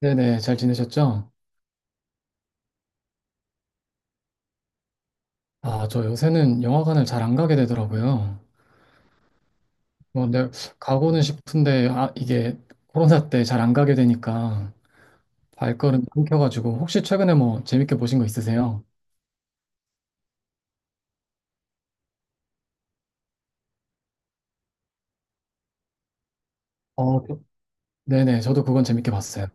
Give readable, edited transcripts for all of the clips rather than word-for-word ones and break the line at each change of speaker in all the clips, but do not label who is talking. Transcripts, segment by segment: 네네, 잘 지내셨죠? 저 요새는 영화관을 잘 안 가게 되더라고요. 뭐, 내 가고는 싶은데, 이게 코로나 때 잘 안 가게 되니까 발걸음이 끊겨가지고, 혹시 최근에 뭐 재밌게 보신 거 있으세요? 어, 그- 네네, 저도 그건 재밌게 봤어요.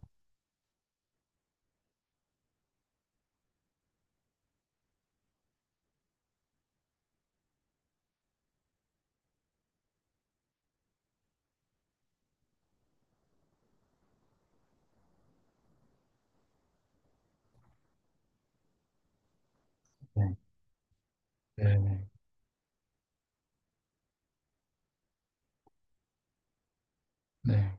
네, 네네, 네.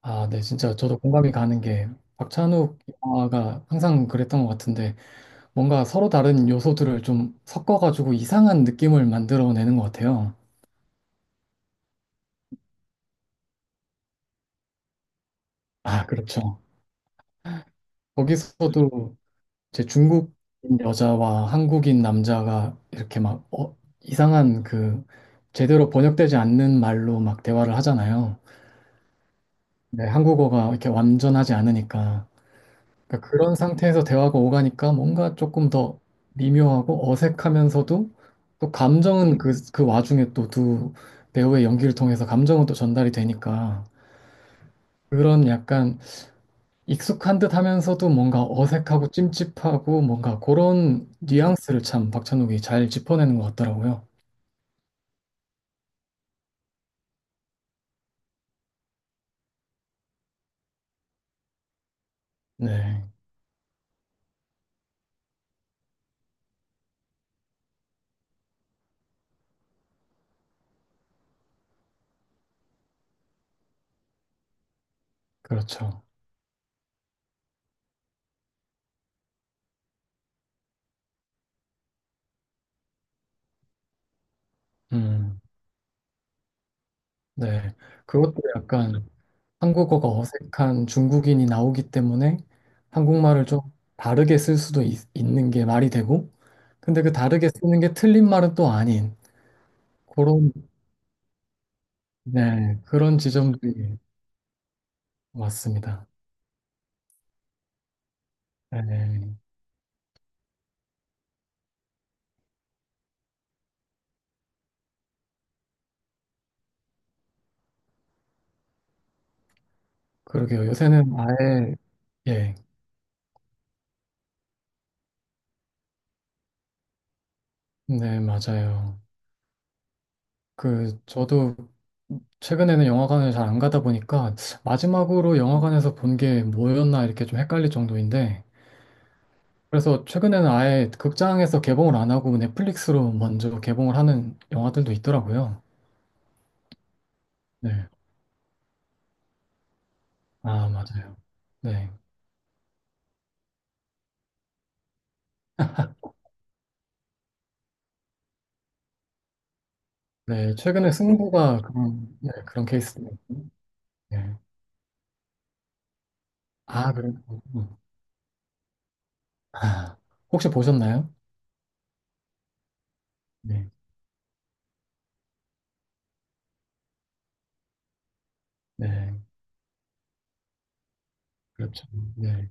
아, 네, 진짜 저도 공감이 가는 게, 박찬욱 영화가 항상 그랬던 것 같은데, 뭔가 서로 다른 요소들을 좀 섞어가지고 이상한 느낌을 만들어내는 것 같아요. 아, 그렇죠. 거기서도 제 중국인 여자와 한국인 남자가 이렇게 막 이상한 그 제대로 번역되지 않는 말로 막 대화를 하잖아요. 네, 한국어가 이렇게 완전하지 않으니까. 그러니까 그런 상태에서 대화가 오가니까 뭔가 조금 더 미묘하고 어색하면서도 또 감정은 그 와중에 또 두 배우의 연기를 통해서 감정은 또 전달이 되니까 그런 약간 익숙한 듯 하면서도 뭔가 어색하고 찜찜하고 뭔가 그런 뉘앙스를 참 박찬욱이 잘 짚어내는 것 같더라고요. 네, 그렇죠. 음, 네. 그것도 약간 한국어가 어색한 중국인이 나오기 때문에 한국말을 좀 다르게 쓸 수도 있는 게 말이 되고, 근데 그 다르게 쓰는 게 틀린 말은 또 아닌 그런, 네, 그런 지점들이 맞습니다. 네, 그러게요. 요새는 아예, 예, 네, 맞아요. 저도 최근에는 영화관을 잘 안 가다 보니까 마지막으로 영화관에서 본 게 뭐였나 이렇게 좀 헷갈릴 정도인데 그래서 최근에는 아예 극장에서 개봉을 안 하고 넷플릭스로 먼저 개봉을 하는 영화들도 있더라고요. 네. 아, 맞아요. 네. 네. 최근에 승부가 그런, 네, 그런 케이스네요. 네. 아, 그래요? 음. 아, 혹시 보셨나요? 네. 네. 그렇죠. 네.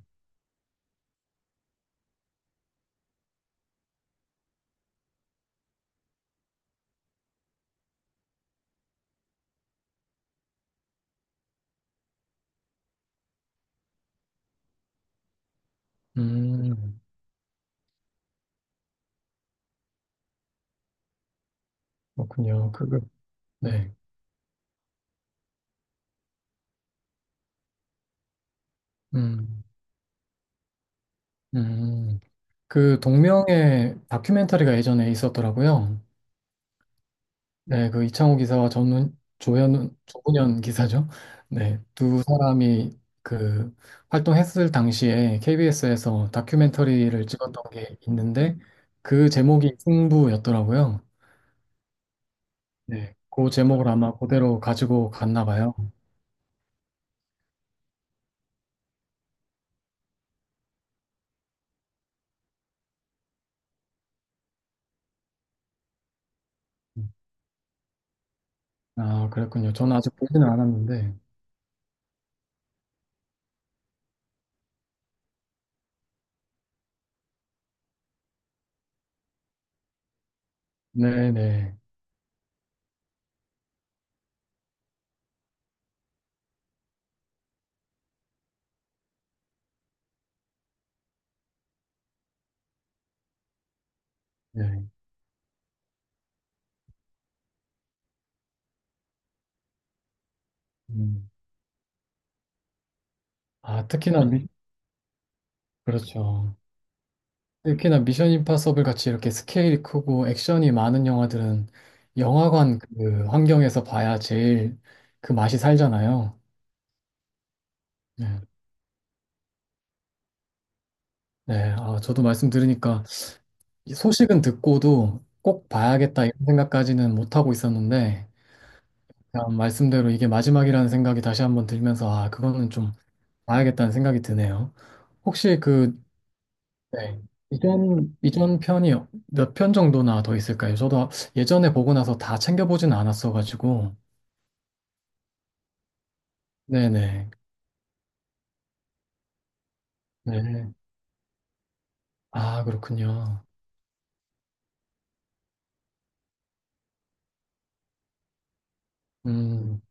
음, 그렇군요. 그거, 네. 음, 음. 그 동명의 다큐멘터리가 예전에 있었더라고요. 네. 네, 그 이창호 기사와 전훈, 조현 조훈현 기사죠. 네, 두 사람이 그 활동했을 당시에 KBS에서 다큐멘터리를 찍었던 게 있는데 그 제목이 승부였더라고요. 네, 그 제목을 아마 그대로 가지고 갔나 봐요. 아, 그랬군요. 저는 아직 보지는 않았는데. 네네. 네. 네, 네. 음. 아, 특히나, 미- 그렇죠. 특히나 미션 임파서블 같이 이렇게 스케일이 크고 액션이 많은 영화들은 영화관 그 환경에서 봐야 제일 그 맛이 살잖아요. 네. 네. 아, 저도 말씀 들으니까 이 소식은 듣고도 꼭 봐야겠다 이런 생각까지는 못 하고 있었는데 그냥 말씀대로 이게 마지막이라는 생각이 다시 한번 들면서 아, 그거는 좀 봐야겠다는 생각이 드네요. 혹시 그 네. 이전 이전 편이 몇 편 정도나 더 있을까요? 저도 예전에 보고 나서 다 챙겨보진 않았어가지고. 네네. 네. 아, 그렇군요. 음.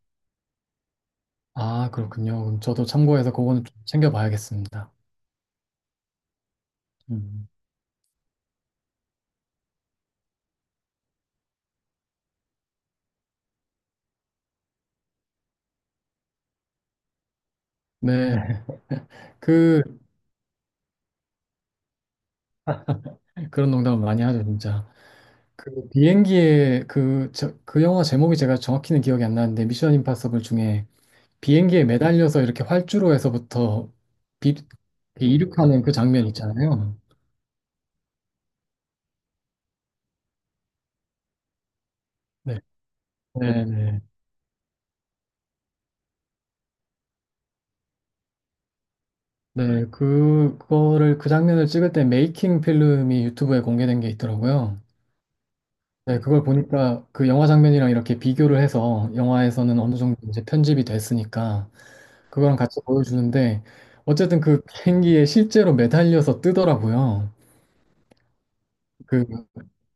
아, 그렇군요. 그럼 저도 참고해서 그거는 좀 챙겨봐야겠습니다. 음. 네. 그, 그런 농담을 많이 하죠, 진짜. 그 비행기에 그 영화 제목이 제가 정확히는 기억이 안 나는데, 미션 임파서블 중에 비행기에 매달려서 이렇게 활주로 에서부터 비, 이륙하는 그 장면 있잖아요. 네. 네네. 네, 그거를 그 장면을 찍을 때 메이킹 필름이 유튜브에 공개된 게 있더라고요. 네, 그걸 보니까 그 영화 장면이랑 이렇게 비교를 해서 영화에서는 어느 정도 이제 편집이 됐으니까 그거랑 같이 보여주는데 어쨌든 그 비행기에 실제로 매달려서 뜨더라고요. 그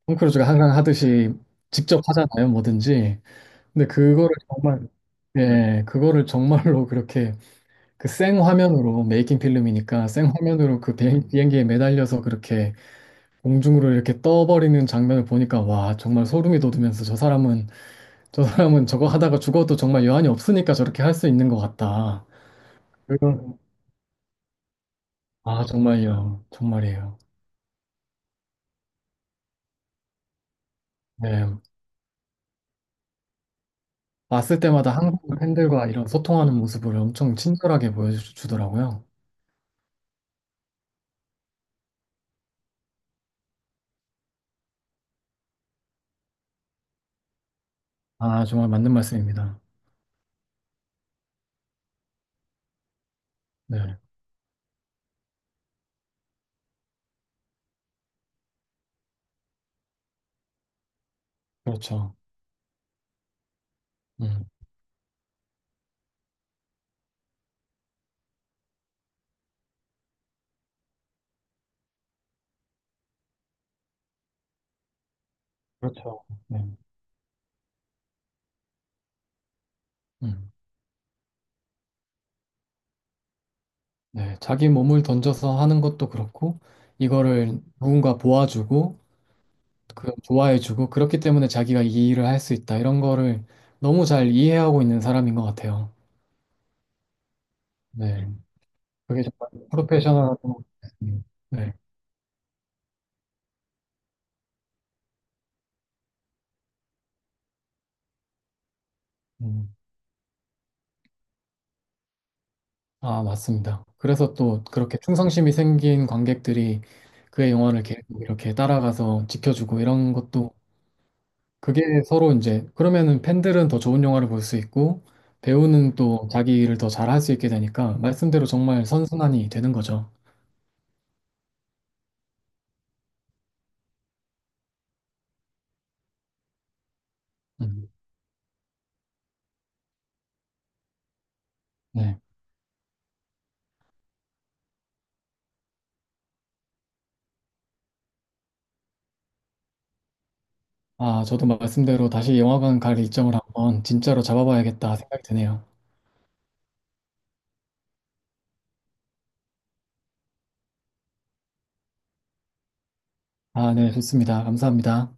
톰 크루즈가 항상 하듯이 직접 하잖아요, 뭐든지. 근데 그거를 정말 예, 그거를 정말로 그렇게 그 생화면으로 메이킹 필름이니까 생화면으로 그 비행기에 매달려서 그렇게 공중으로 이렇게 떠버리는 장면을 보니까 와, 정말 소름이 돋으면서 저 사람은 저거 하다가 죽어도 정말 여한이 없으니까 저렇게 할 수 있는 것 같다. 그리고- 아, 정말요. 정말이에요. 네. 왔을 때마다 한국 팬들과 이런 소통하는 모습을 엄청 친절하게 보여주더라고요. 아, 정말 맞는 말씀입니다. 네. 그렇죠. 음. 그렇죠. 네. 음. 네. 자기 몸을 던져서 하는 것도 그렇고, 이거를 누군가 보아주고, 그 좋아해주고, 그렇기 때문에 자기가 이 일을 할 수 있다. 이런 거를 너무 잘 이해하고 있는 사람인 것 같아요. 네. 그게 정말 프로페셔널한 네. 음. 아, 맞습니다. 그래서 또 그렇게 충성심이 생긴 관객들이 그의 영화를 계속 이렇게 따라가서 지켜주고 이런 것도 그게 서로 이제 그러면은 팬들은 더 좋은 영화를 볼 수 있고 배우는 또 자기 일을 더 잘할 수 있게 되니까 말씀대로 정말 선순환이 되는 거죠. 음. 네. 아, 저도 말씀대로 다시 영화관 갈 일정을 한번 진짜로 잡아봐야겠다 생각이 드네요. 아, 네, 좋습니다. 감사합니다.